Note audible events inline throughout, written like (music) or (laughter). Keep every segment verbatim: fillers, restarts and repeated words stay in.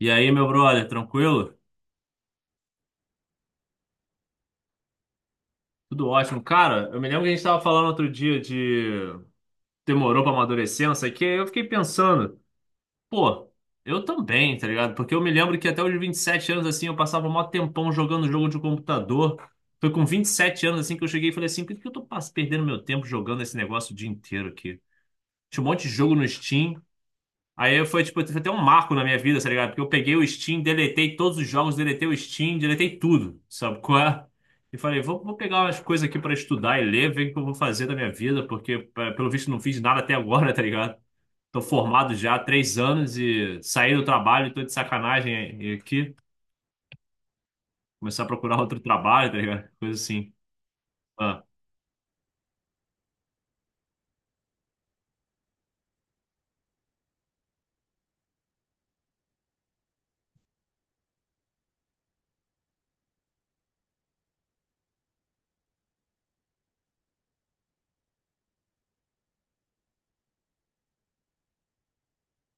E aí, meu brother, tranquilo? Tudo ótimo. Cara, eu me lembro que a gente tava falando outro dia de demorou pra amadurecer, não sei o quê. Eu fiquei pensando, pô, eu também, tá ligado? Porque eu me lembro que até os vinte e sete anos, assim, eu passava mó tempão jogando jogo de computador. Foi com vinte e sete anos, assim, que eu cheguei e falei assim, por que que eu tô pas- perdendo meu tempo jogando esse negócio o dia inteiro aqui? Tinha um monte de jogo no Steam. Aí foi, tipo, foi até um marco na minha vida, tá ligado? Porque eu peguei o Steam, deletei todos os jogos, deletei o Steam, deletei tudo, sabe qual é? E falei, vou, vou pegar umas coisas aqui pra estudar e ler, ver o que eu vou fazer da minha vida, porque p- pelo visto não fiz nada até agora, (laughs) tá ligado? Tô formado já há três anos e saí do trabalho, tô de sacanagem e- e aqui, começar a procurar outro trabalho, tá ligado? Coisa assim. Ah,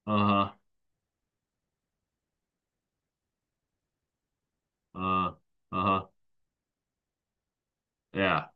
aham, ah, aham, é,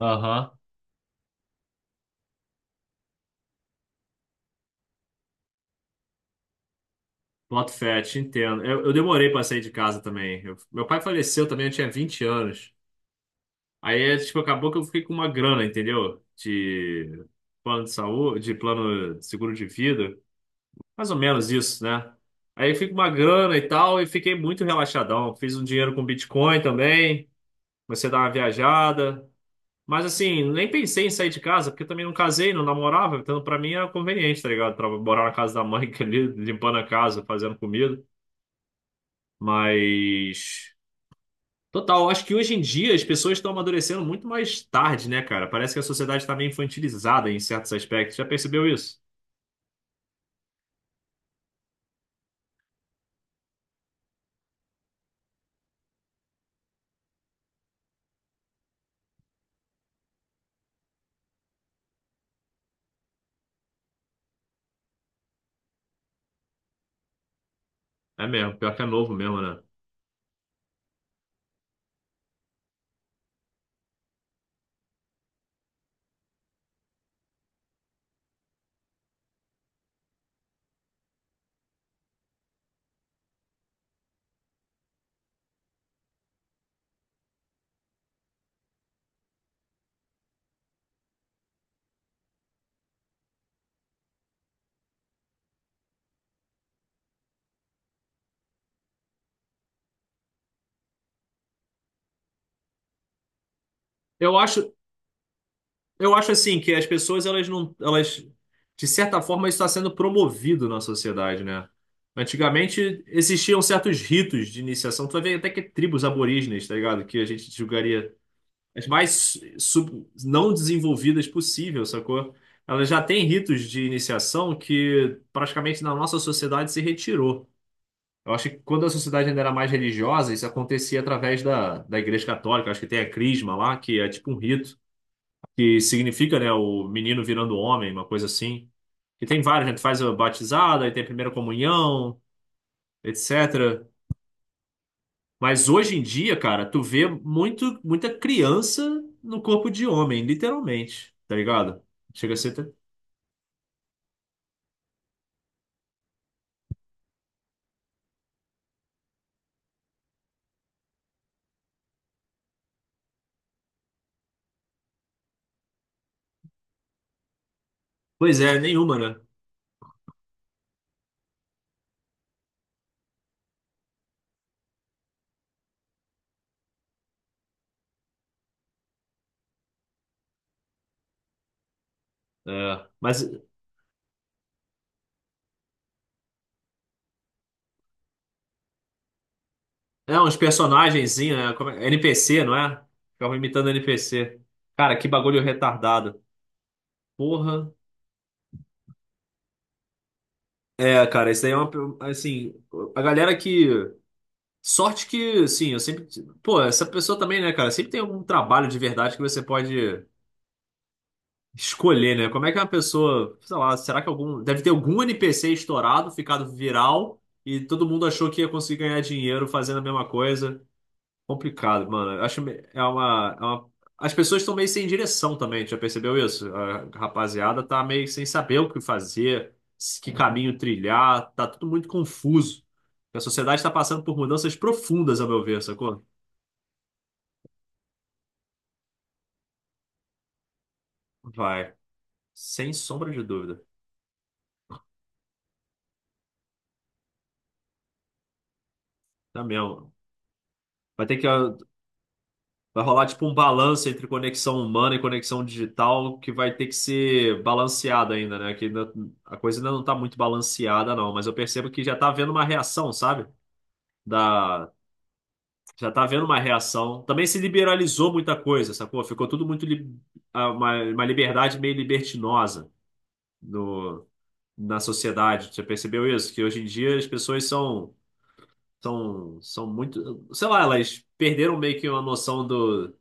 aham. Boto fé, te entendo. Eu, eu demorei pra sair de casa também. Eu- meu pai faleceu também, eu tinha vinte anos. Aí, é, tipo, acabou que eu fiquei com uma grana, entendeu? De plano de saúde, de plano de seguro de vida. Mais ou menos isso, né? Aí fico com uma grana e tal, e fiquei muito relaxadão. Fiz um dinheiro com Bitcoin também. Comecei a dar uma viajada. Mas assim, nem pensei em sair de casa, porque eu também não casei, não namorava. Então, pra mim era conveniente, tá ligado? Pra morar na casa da mãe, (laughs) ali, limpando a casa, fazendo comida. Mas. Total, acho que hoje em dia as pessoas estão amadurecendo muito mais tarde, né, cara? Parece que a sociedade está meio infantilizada em certos aspectos. Já percebeu isso? É mesmo, pior que é novo mesmo, né? Eu acho, eu acho assim que as pessoas, elas não, elas, de certa forma, isso está sendo promovido na sociedade, né? Antigamente existiam certos ritos de iniciação. Tu vai ver até que tribos aborígenes, tá ligado? Que a gente julgaria as mais sub- não desenvolvidas possível, sacou? Ela já tem ritos de iniciação que praticamente na nossa sociedade se retirou. Eu acho que quando a sociedade ainda era mais religiosa, isso acontecia através da, da Igreja Católica. Eu acho que tem a crisma lá, que é tipo um rito, que significa, né, o menino virando homem, uma coisa assim. E tem vários, né? Tu faz a batizada, aí tem a primeira comunhão, etcétera. Mas hoje em dia, cara, tu vê muito, muita criança no corpo de homem, literalmente, tá ligado? Chega a ser, até-. Pois é, nenhuma, né? É, mas é uns personagenzinhos, né? Como é- N P C, não é? Ficavam imitando N P C. Cara, que bagulho retardado. Porra. É, cara, isso daí é uma. Assim, a galera que. Sorte que, assim, eu sempre. Pô, essa pessoa também, né, cara? Sempre tem algum trabalho de verdade que você pode escolher, né? Como é que uma pessoa, sei lá, será que algum, deve ter algum N P C estourado, ficado viral e todo mundo achou que ia conseguir ganhar dinheiro fazendo a mesma coisa? Complicado, mano. Eu acho me- é uma, é uma- as pessoas estão meio sem direção também, já percebeu isso? A rapaziada tá meio sem saber o que fazer, se- que caminho trilhar, tá tudo muito confuso. A sociedade está passando por mudanças profundas, a meu ver, sacou? Vai, sem sombra de dúvida. Tá mesmo. Vai ter que Vai rolar tipo um balanço entre conexão humana e conexão digital que vai ter que ser balanceado ainda, né? Que ainda- a coisa ainda não tá muito balanceada, não. Mas eu percebo que já tá havendo uma reação, sabe? Da, Já tá havendo uma reação. Também se liberalizou muita coisa, sacou? Ficou tudo muito. li- ah, Uma, uma liberdade meio libertinosa no, na sociedade. Você percebeu isso? Que hoje em dia as pessoas são. São, são muito. Sei lá, elas perderam meio que uma noção do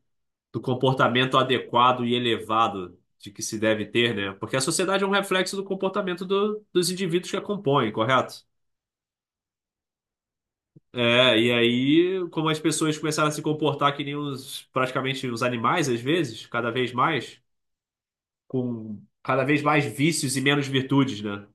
do comportamento adequado e elevado de que se deve ter, né? Porque a sociedade é um reflexo do comportamento do- dos indivíduos que a compõem, correto? É, e aí, como as pessoas começaram a se comportar que nem os, praticamente os animais, às vezes, cada vez mais, com cada vez mais vícios e menos virtudes, né?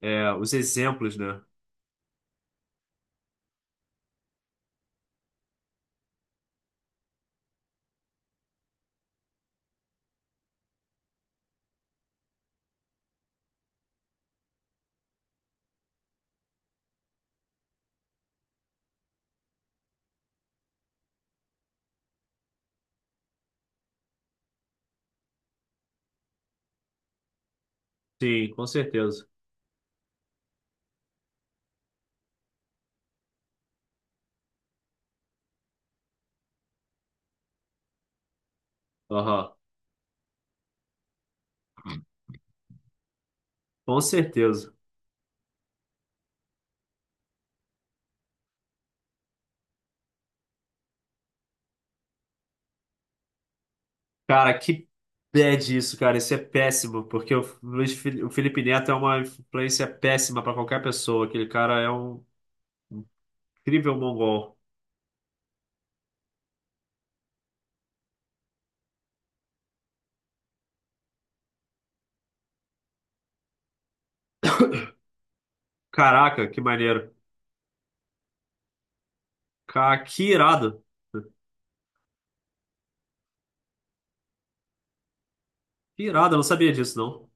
É, os exemplos, né? Sim, com certeza. Aham, com certeza. Cara, que bad isso, cara. Isso é péssimo, porque o Luiz Fi- o Felipe Neto é uma influência péssima pra qualquer pessoa. Aquele cara é um incrível mongol. Caraca, que maneiro. Ca- Que irado. Que irado, eu não sabia disso, não.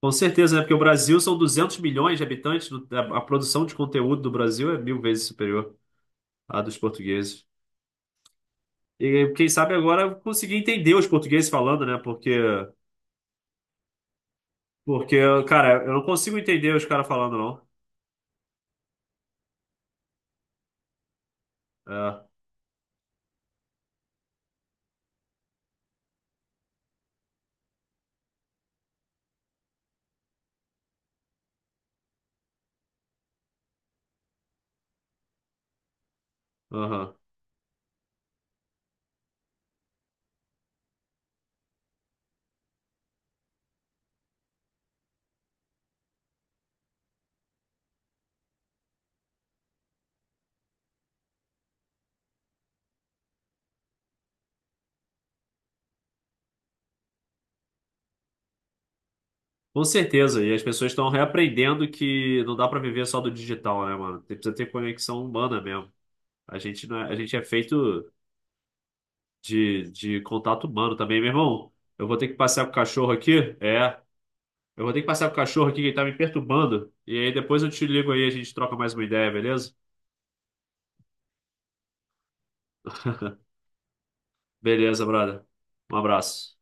Com certeza, né? Porque o Brasil são duzentos milhões de habitantes. no- A a produção de conteúdo do Brasil é mil vezes superior à dos portugueses. E quem sabe agora eu consegui entender os portugueses falando, né? Porque, porque, cara, eu não consigo entender os caras falando, não. É, aham. Com certeza, e as pessoas estão reaprendendo que não dá para viver só do digital, né, mano? Você precisa ter conexão humana mesmo. A gente não é, a gente é feito de, de contato humano também, meu irmão. Eu vou ter que passear com o cachorro aqui? É. Eu vou ter que passear com o cachorro aqui que ele tá me perturbando. E aí depois eu te ligo aí, a gente troca mais uma ideia, beleza? Beleza, brother. Um abraço.